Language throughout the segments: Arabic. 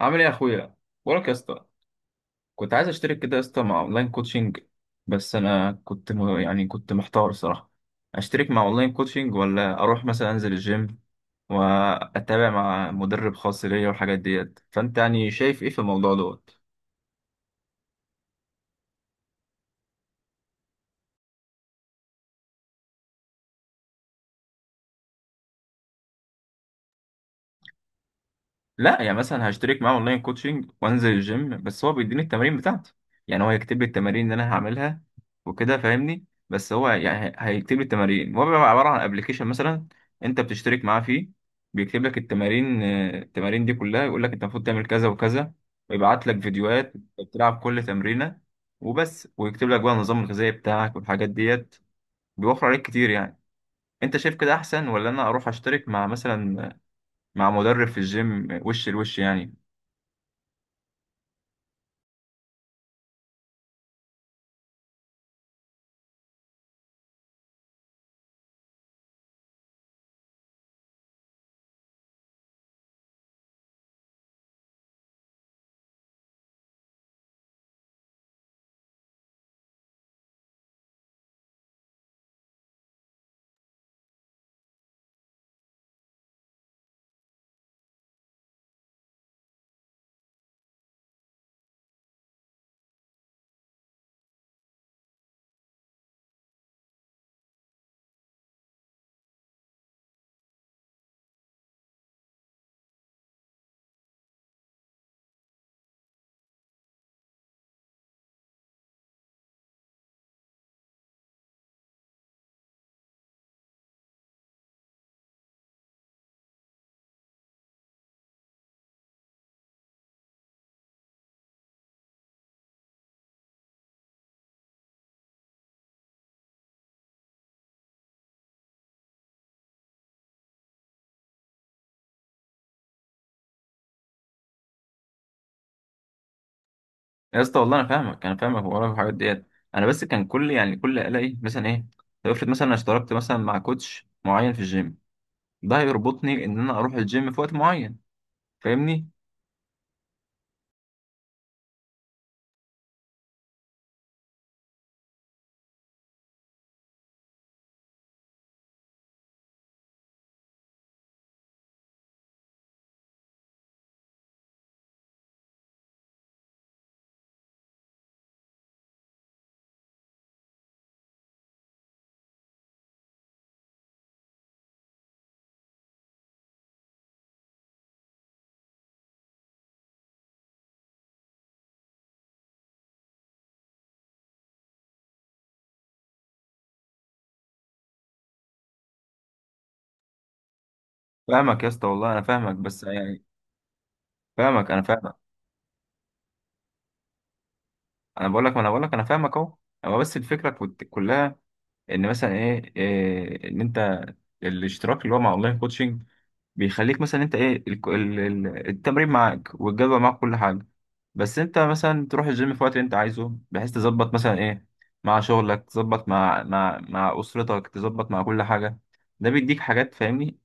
عامل ايه يا اخويا؟ بقولك يا اسطى، كنت عايز اشترك كده يا اسطى مع اونلاين كوتشنج. بس انا كنت يعني كنت محتار الصراحه، اشترك مع اونلاين كوتشنج ولا اروح مثلا انزل الجيم واتابع مع مدرب خاص ليا والحاجات ديت. فانت يعني شايف ايه في الموضوع دوت؟ لا يعني مثلا هشترك معاه اونلاين كوتشنج وانزل الجيم، بس هو بيديني التمارين بتاعته. يعني هو هيكتب لي التمارين اللي انا هعملها وكده، فاهمني؟ بس هو يعني هيكتب لي التمارين. هو بيبقى عباره عن ابلكيشن مثلا، انت بتشترك معاه فيه، بيكتب لك التمارين. آه، التمارين دي كلها يقول لك انت المفروض تعمل كذا وكذا، ويبعت لك فيديوهات بتلعب كل تمرينه، وبس. ويكتب لك بقى النظام الغذائي بتاعك والحاجات ديت، بيوفر عليك كتير يعني. انت شايف كده احسن، ولا انا اروح اشترك مع مثلا مع مدرب في الجيم وش لوش يعني؟ يا اسطى والله انا فاهمك، انا فاهمك وراك في الحاجات ديت. انا بس كان كل يعني كل الاقي مثلا ايه، طب افرض مثلا انا اشتركت مثلا مع كوتش معين في الجيم، ده هيربطني ان انا اروح الجيم في وقت معين، فاهمني؟ فاهمك يا اسطى والله انا فاهمك بس يعني، فاهمك انا فاهمك. انا بقول لك، ما انا بقول لك انا فاهمك اهو. هو بس الفكره كلها ان مثلا إيه ان انت الاشتراك اللي هو مع اونلاين كوتشنج بيخليك مثلا انت ايه التمرين معاك والجدول معاك كل حاجه. بس انت مثلا تروح الجيم في وقت اللي انت عايزه، بحيث تظبط مثلا ايه مع شغلك، تظبط مع مع اسرتك، تظبط مع كل حاجه. ده بيديك حاجات، فاهمني؟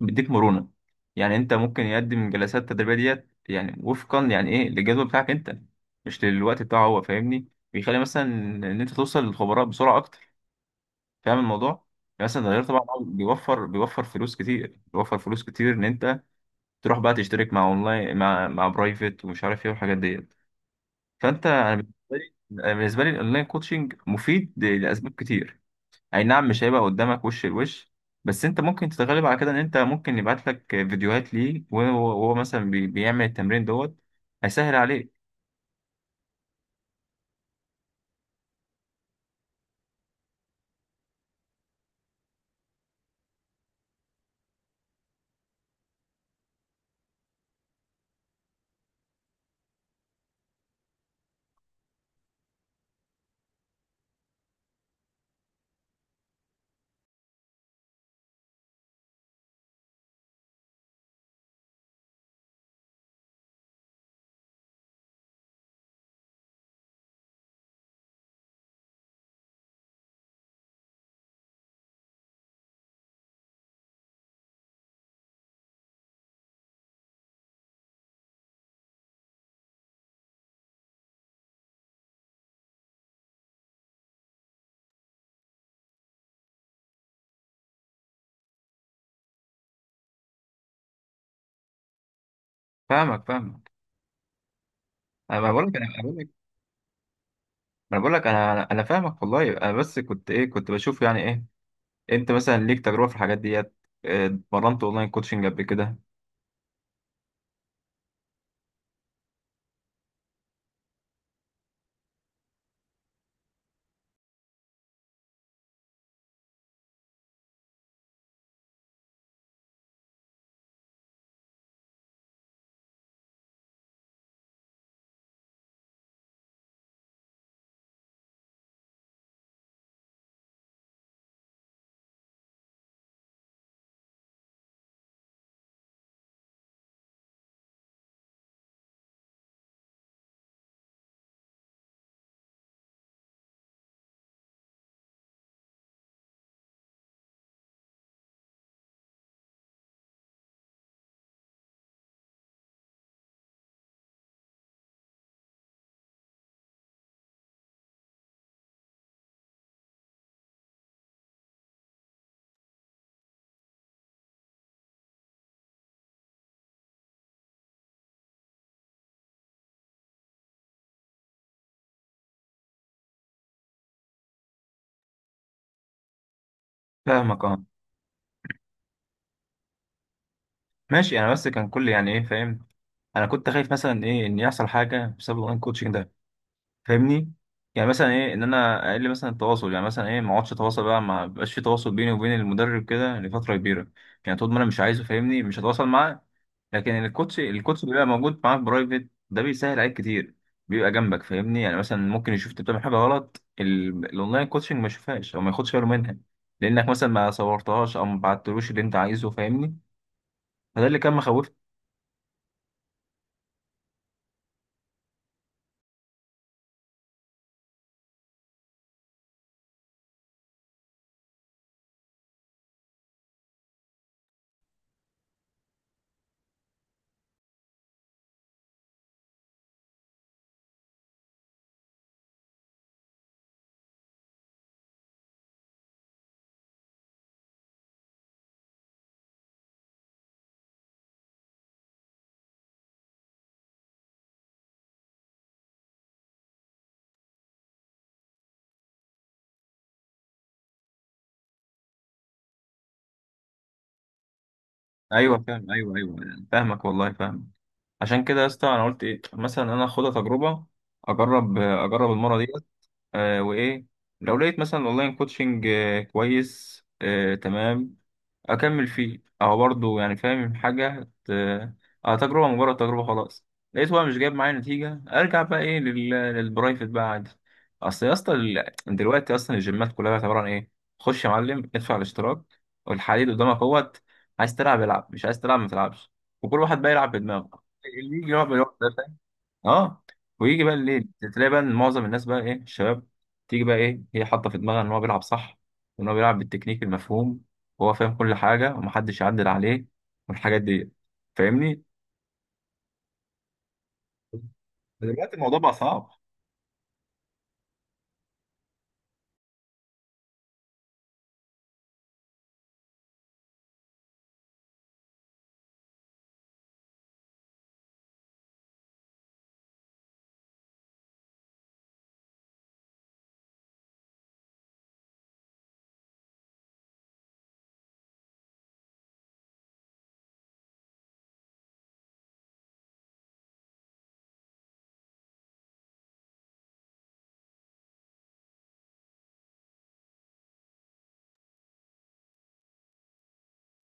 بيديك مرونه، يعني انت ممكن يقدم الجلسات التدريبيه ديت يعني وفقا يعني ايه للجدول بتاعك انت، مش للوقت بتاعه هو، فاهمني؟ بيخلي مثلا ان انت توصل للخبراء بسرعه اكتر، فاهم الموضوع؟ يعني مثلا ده غير طبعا بيوفر، بيوفر فلوس كتير ان انت تروح بقى تشترك مع اونلاين مع مع برايفت ومش عارف ايه والحاجات ديت. فانت انا بالنسبه لي، أنا بالنسبه لي الاونلاين كوتشنج مفيد لاسباب كتير. اي نعم مش هيبقى قدامك وش لوش، بس انت ممكن تتغلب على كده، ان انت ممكن يبعت لك فيديوهات ليه، وهو وهو مثلا بيعمل التمرين دوت، هيسهل عليك. فاهمك فاهمك، انا بقول لك انا بقول لك انا بقول لك، انا انا أنا فاهمك والله. انا بس كنت ايه كنت بشوف يعني ايه، انت مثلا ليك تجربه في الحاجات ديت؟ آه، اتمرنت اونلاين كوتشنج قبل كده؟ فاهمك، اه. ماشي، انا بس كان كل يعني ايه، فاهم؟ انا كنت خايف مثلا ايه ان يحصل حاجه بسبب الاونلاين كوتشنج ده، فاهمني؟ يعني مثلا ايه ان انا اقل مثلا التواصل، يعني مثلا ايه ما اقعدش اتواصل بقى، ما بقاش في تواصل بيني وبين المدرب كده لفتره كبيره. يعني طول ما انا مش عايزه، فاهمني، مش هتواصل معاه. لكن الكوتش، الكوتش بيبقى موجود معاك برايفت، ده بيسهل عليك كتير، بيبقى جنبك فاهمني. يعني مثلا ممكن يشوف انت بتعمل حاجه غلط، الاونلاين كوتشنج ما يشوفهاش او ما ياخدش باله منها، لانك مثلا ما صورتهاش او ما بعتلوش اللي انت عايزه، فاهمني؟ فده اللي كان مخوفني. ايوه فاهم، ايوه ايوه. فاهمك والله فاهمك. عشان كده يا اسطى انا قلت ايه، مثلا انا اخدها تجربه، اجرب المره ديت. آه وايه، لو لقيت مثلا اونلاين كوتشنج آه كويس آه تمام، اكمل فيه. او برضه يعني فاهم حاجه اه تجربه، مجرد تجربه خلاص. لقيت هو مش جايب معايا نتيجه، ارجع بقى ايه للبرايفت بقى عادي. اصل يا اسطى دلوقتي اصلا الجيمات كلها عباره عن ايه، خش يا معلم ادفع الاشتراك والحديد قدامك اهوت. عايز تلعب العب، مش عايز تلعب ما تلعبش. وكل واحد بقى يلعب بدماغه، اللي يجي يلعب بالوقت ده، اه، ويجي بقى الليل تلاقي بقى إن معظم الناس بقى ايه الشباب، تيجي بقى ايه هي حاطه في دماغها ان هو بيلعب صح، وان هو بيلعب بالتكنيك المفهوم، وهو فاهم كل حاجه ومحدش يعدل عليه، والحاجات دي، فاهمني؟ دلوقتي الموضوع بقى صعب.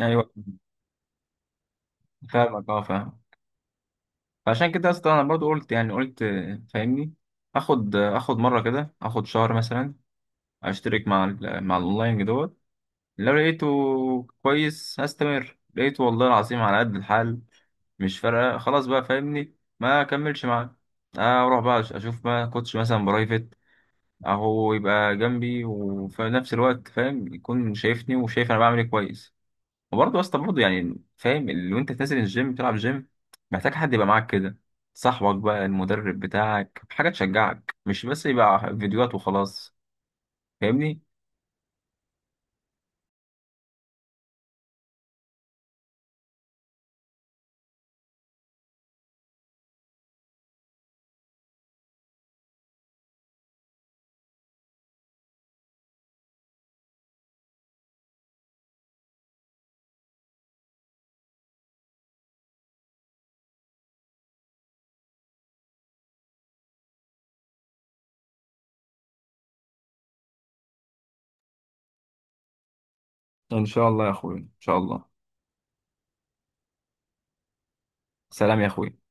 ايوه فاهمك، اه فاهم. فعشان كده اصلا انا برضو قلت، يعني قلت آه، فاهمني، اخد آه، اخد مره كده، اخد شهر مثلا، اشترك مع مع الاونلاين دوت. لو لقيته كويس هستمر، لقيته والله العظيم على قد الحال، مش فارقه خلاص بقى، فاهمني، ما اكملش معاه. اروح بقى اشوف ما كوتش مثلا برايفت، اهو يبقى جنبي وفي نفس الوقت، فاهم، يكون شايفني وشايف انا بعمل ايه كويس. وبرضه اصلا برضه يعني فاهم اللي، وانت نازل الجيم بتلعب جيم، محتاج حد يبقى معاك كده، صاحبك بقى، المدرب بتاعك، حاجه تشجعك، مش بس يبقى فيديوهات وخلاص، فاهمني؟ ان شاء الله يا اخويا، ان شاء الله. سلام يا اخويا.